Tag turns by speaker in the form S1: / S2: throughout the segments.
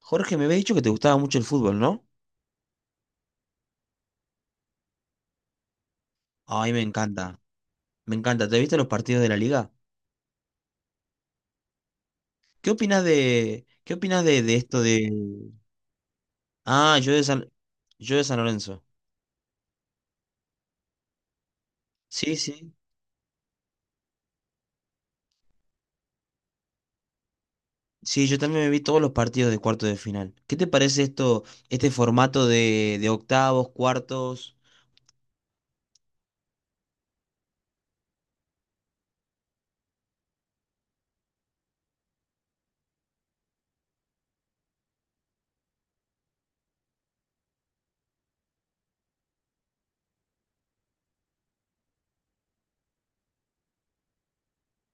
S1: Jorge, me habías dicho que te gustaba mucho el fútbol, ¿no? Ay, me encanta, me encanta. ¿Te viste los partidos de la liga? Qué opinas de esto? Ah, yo de San Lorenzo. Sí, sí. Sí, yo también me vi todos los partidos de cuartos de final. ¿Qué te parece esto, este formato de octavos, cuartos?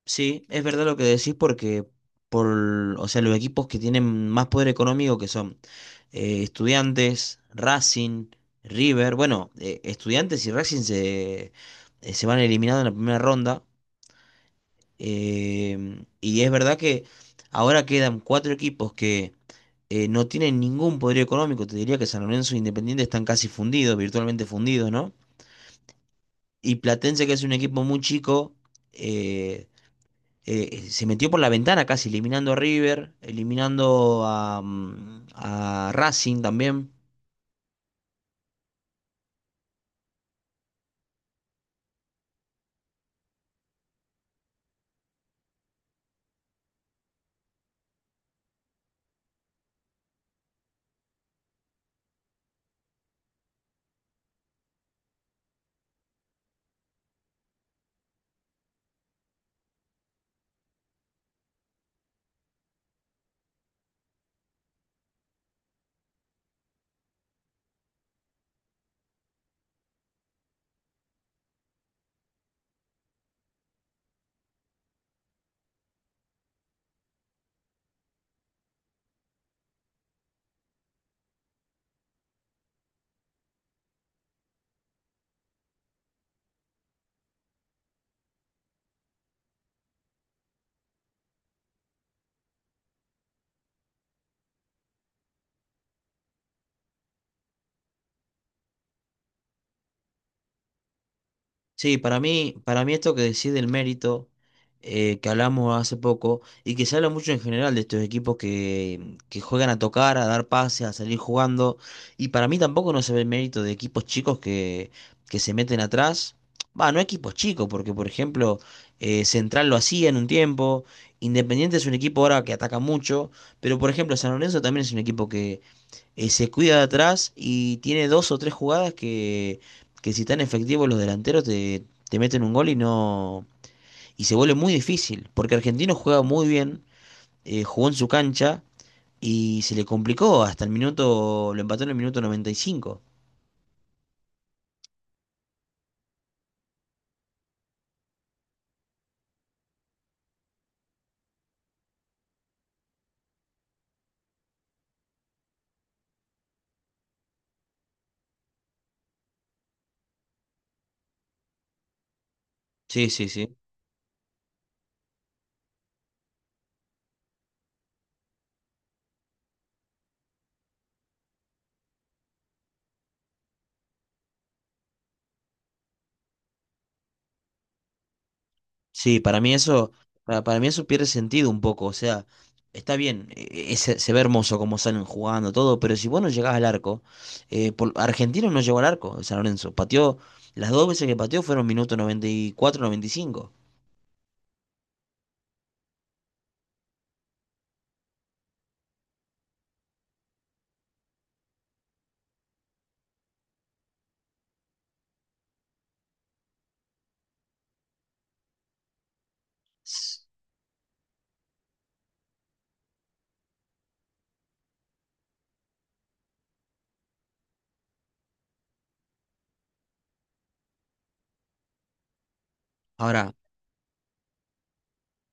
S1: Sí, es verdad lo que decís porque por, o sea, los equipos que tienen más poder económico que son Estudiantes, Racing, River. Bueno, Estudiantes y Racing se van eliminados en la primera ronda. Y es verdad que ahora quedan cuatro equipos que no tienen ningún poder económico. Te diría que San Lorenzo e Independiente están casi fundidos, virtualmente fundidos, ¿no? Y Platense, que es un equipo muy chico, eh, se metió por la ventana casi, eliminando a River, eliminando a Racing también. Sí, para mí esto que decide el mérito, que hablamos hace poco, y que se habla mucho en general de estos equipos que juegan a tocar, a dar pases, a salir jugando. Y para mí tampoco no se ve el mérito de equipos chicos que se meten atrás. Va, no equipos chicos, porque por ejemplo, Central lo hacía en un tiempo. Independiente es un equipo ahora que ataca mucho, pero por ejemplo, San Lorenzo también es un equipo que, se cuida de atrás y tiene dos o tres jugadas que si están efectivos los delanteros te meten un gol, y no, y se vuelve muy difícil, porque Argentino juega muy bien, jugó en su cancha y se le complicó hasta el minuto, lo empató en el minuto 95. Sí, sí, sí. Sí, para mí eso pierde sentido un poco. O sea, está bien, se ve hermoso como salen jugando todo, pero si vos no llegás al arco, Argentino no llegó al arco, San Lorenzo. Pateó, las dos veces que pateó fueron minuto 94, 95. Ahora,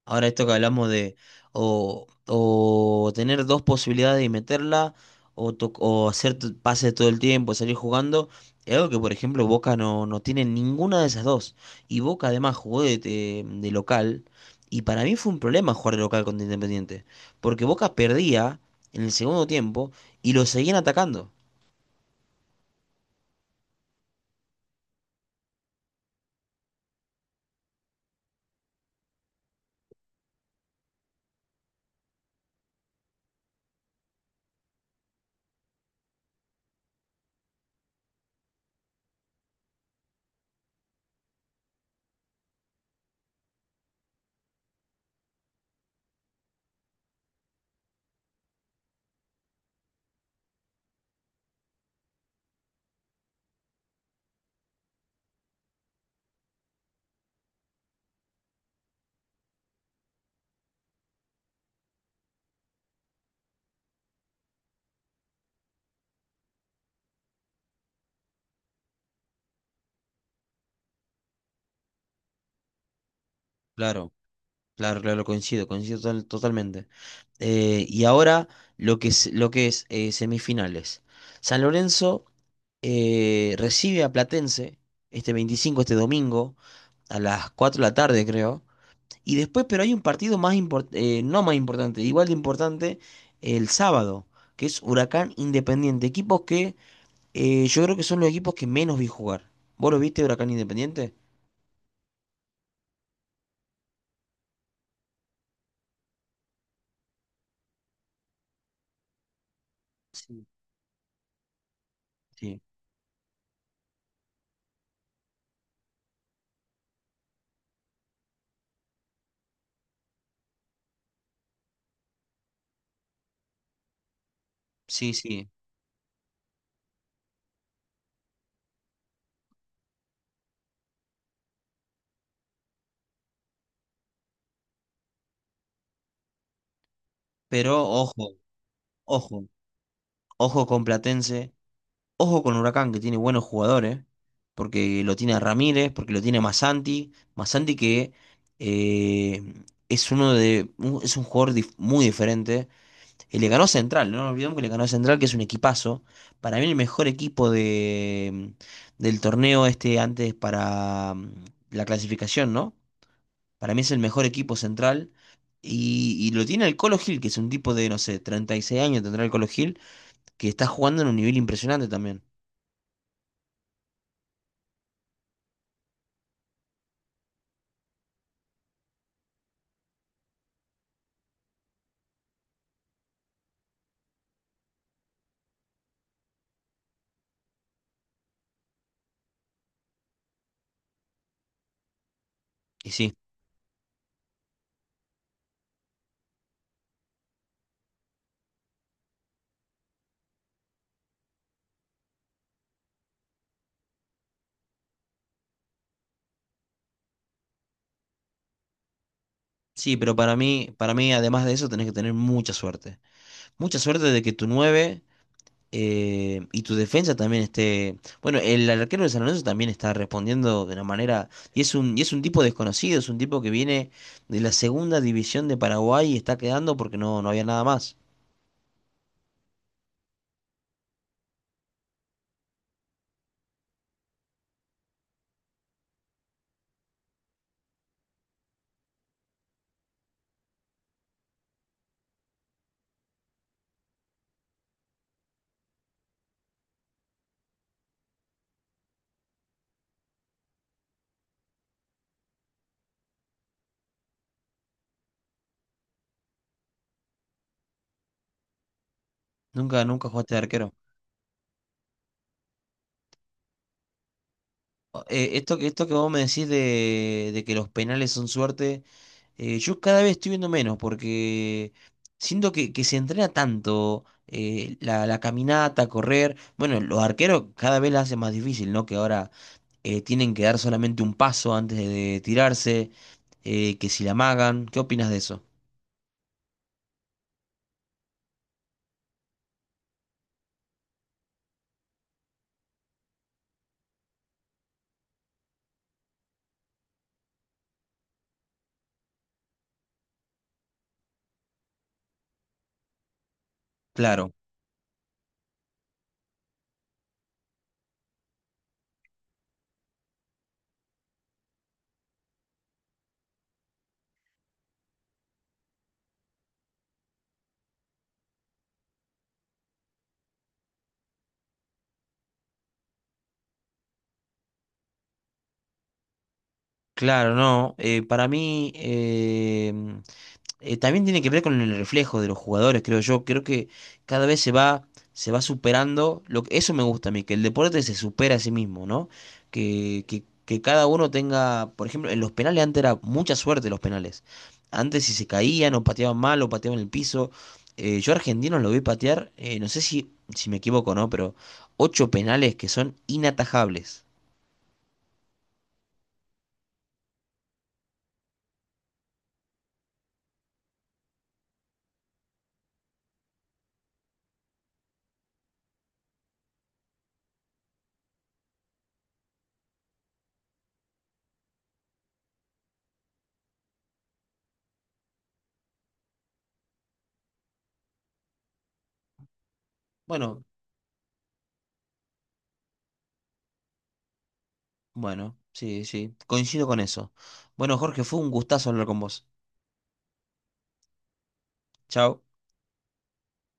S1: Ahora esto que hablamos de o tener dos posibilidades y meterla o, o hacer pases todo el tiempo, salir jugando, es algo que por ejemplo Boca no tiene ninguna de esas dos. Y Boca además jugó de local, y para mí fue un problema jugar de local contra Independiente, porque Boca perdía en el segundo tiempo y lo seguían atacando. Claro, claro, claro, coincido, coincido totalmente. Y ahora lo que es semifinales. San Lorenzo recibe a Platense este 25, este domingo, a las 4 de la tarde, creo. Y después, pero hay un partido más importante, no más importante, igual de importante, el sábado, que es Huracán Independiente. Equipos que yo creo que son los equipos que menos vi jugar. ¿Vos lo viste, Huracán Independiente? Sí. Sí, sí, sí. Pero ojo, ojo, ojo con Platense. Ojo con Huracán, que tiene buenos jugadores, porque lo tiene a Ramírez, porque lo tiene a Masanti. Masanti, que eh, es es un jugador muy diferente. Y le ganó a Central, no nos olvidemos que le ganó a Central, que es un equipazo. Para mí el mejor equipo del torneo este antes para la clasificación, ¿no? Para mí es el mejor equipo Central. Y lo tiene el Colo Gil, que es un tipo de, no sé, 36 años tendrá el Colo Gil, que está jugando en un nivel impresionante también. Y sí. Sí, pero para mí, además de eso, tenés que tener mucha suerte. Mucha suerte de que tu 9 y tu defensa también esté. Bueno, el arquero de San Lorenzo también está respondiendo de una manera. Y es un tipo desconocido, es un tipo que viene de la segunda división de Paraguay y está quedando porque no había nada más. Nunca, nunca jugaste de arquero. Esto, esto que vos me decís de que los penales son suerte, yo cada vez estoy viendo menos porque siento que se entrena tanto, la caminata, correr. Bueno, los arqueros cada vez la hacen más difícil, ¿no? Que ahora tienen que dar solamente un paso antes de tirarse, que si la amagan. ¿Qué opinas de eso? Claro, claro, no. Para mí. También tiene que ver con el reflejo de los jugadores, creo yo. Creo que cada vez se va superando. Eso me gusta a mí, que el deporte se supera a sí mismo, ¿no? Que cada uno tenga, por ejemplo, en los penales antes era mucha suerte los penales. Antes si se caían o pateaban mal o pateaban en el piso. Yo argentinos lo vi patear, no sé si me equivoco, ¿no? Pero ocho penales que son inatajables. Bueno, bueno, sí, sí, coincido con eso. Bueno, Jorge, fue un gustazo hablar con vos. Chao.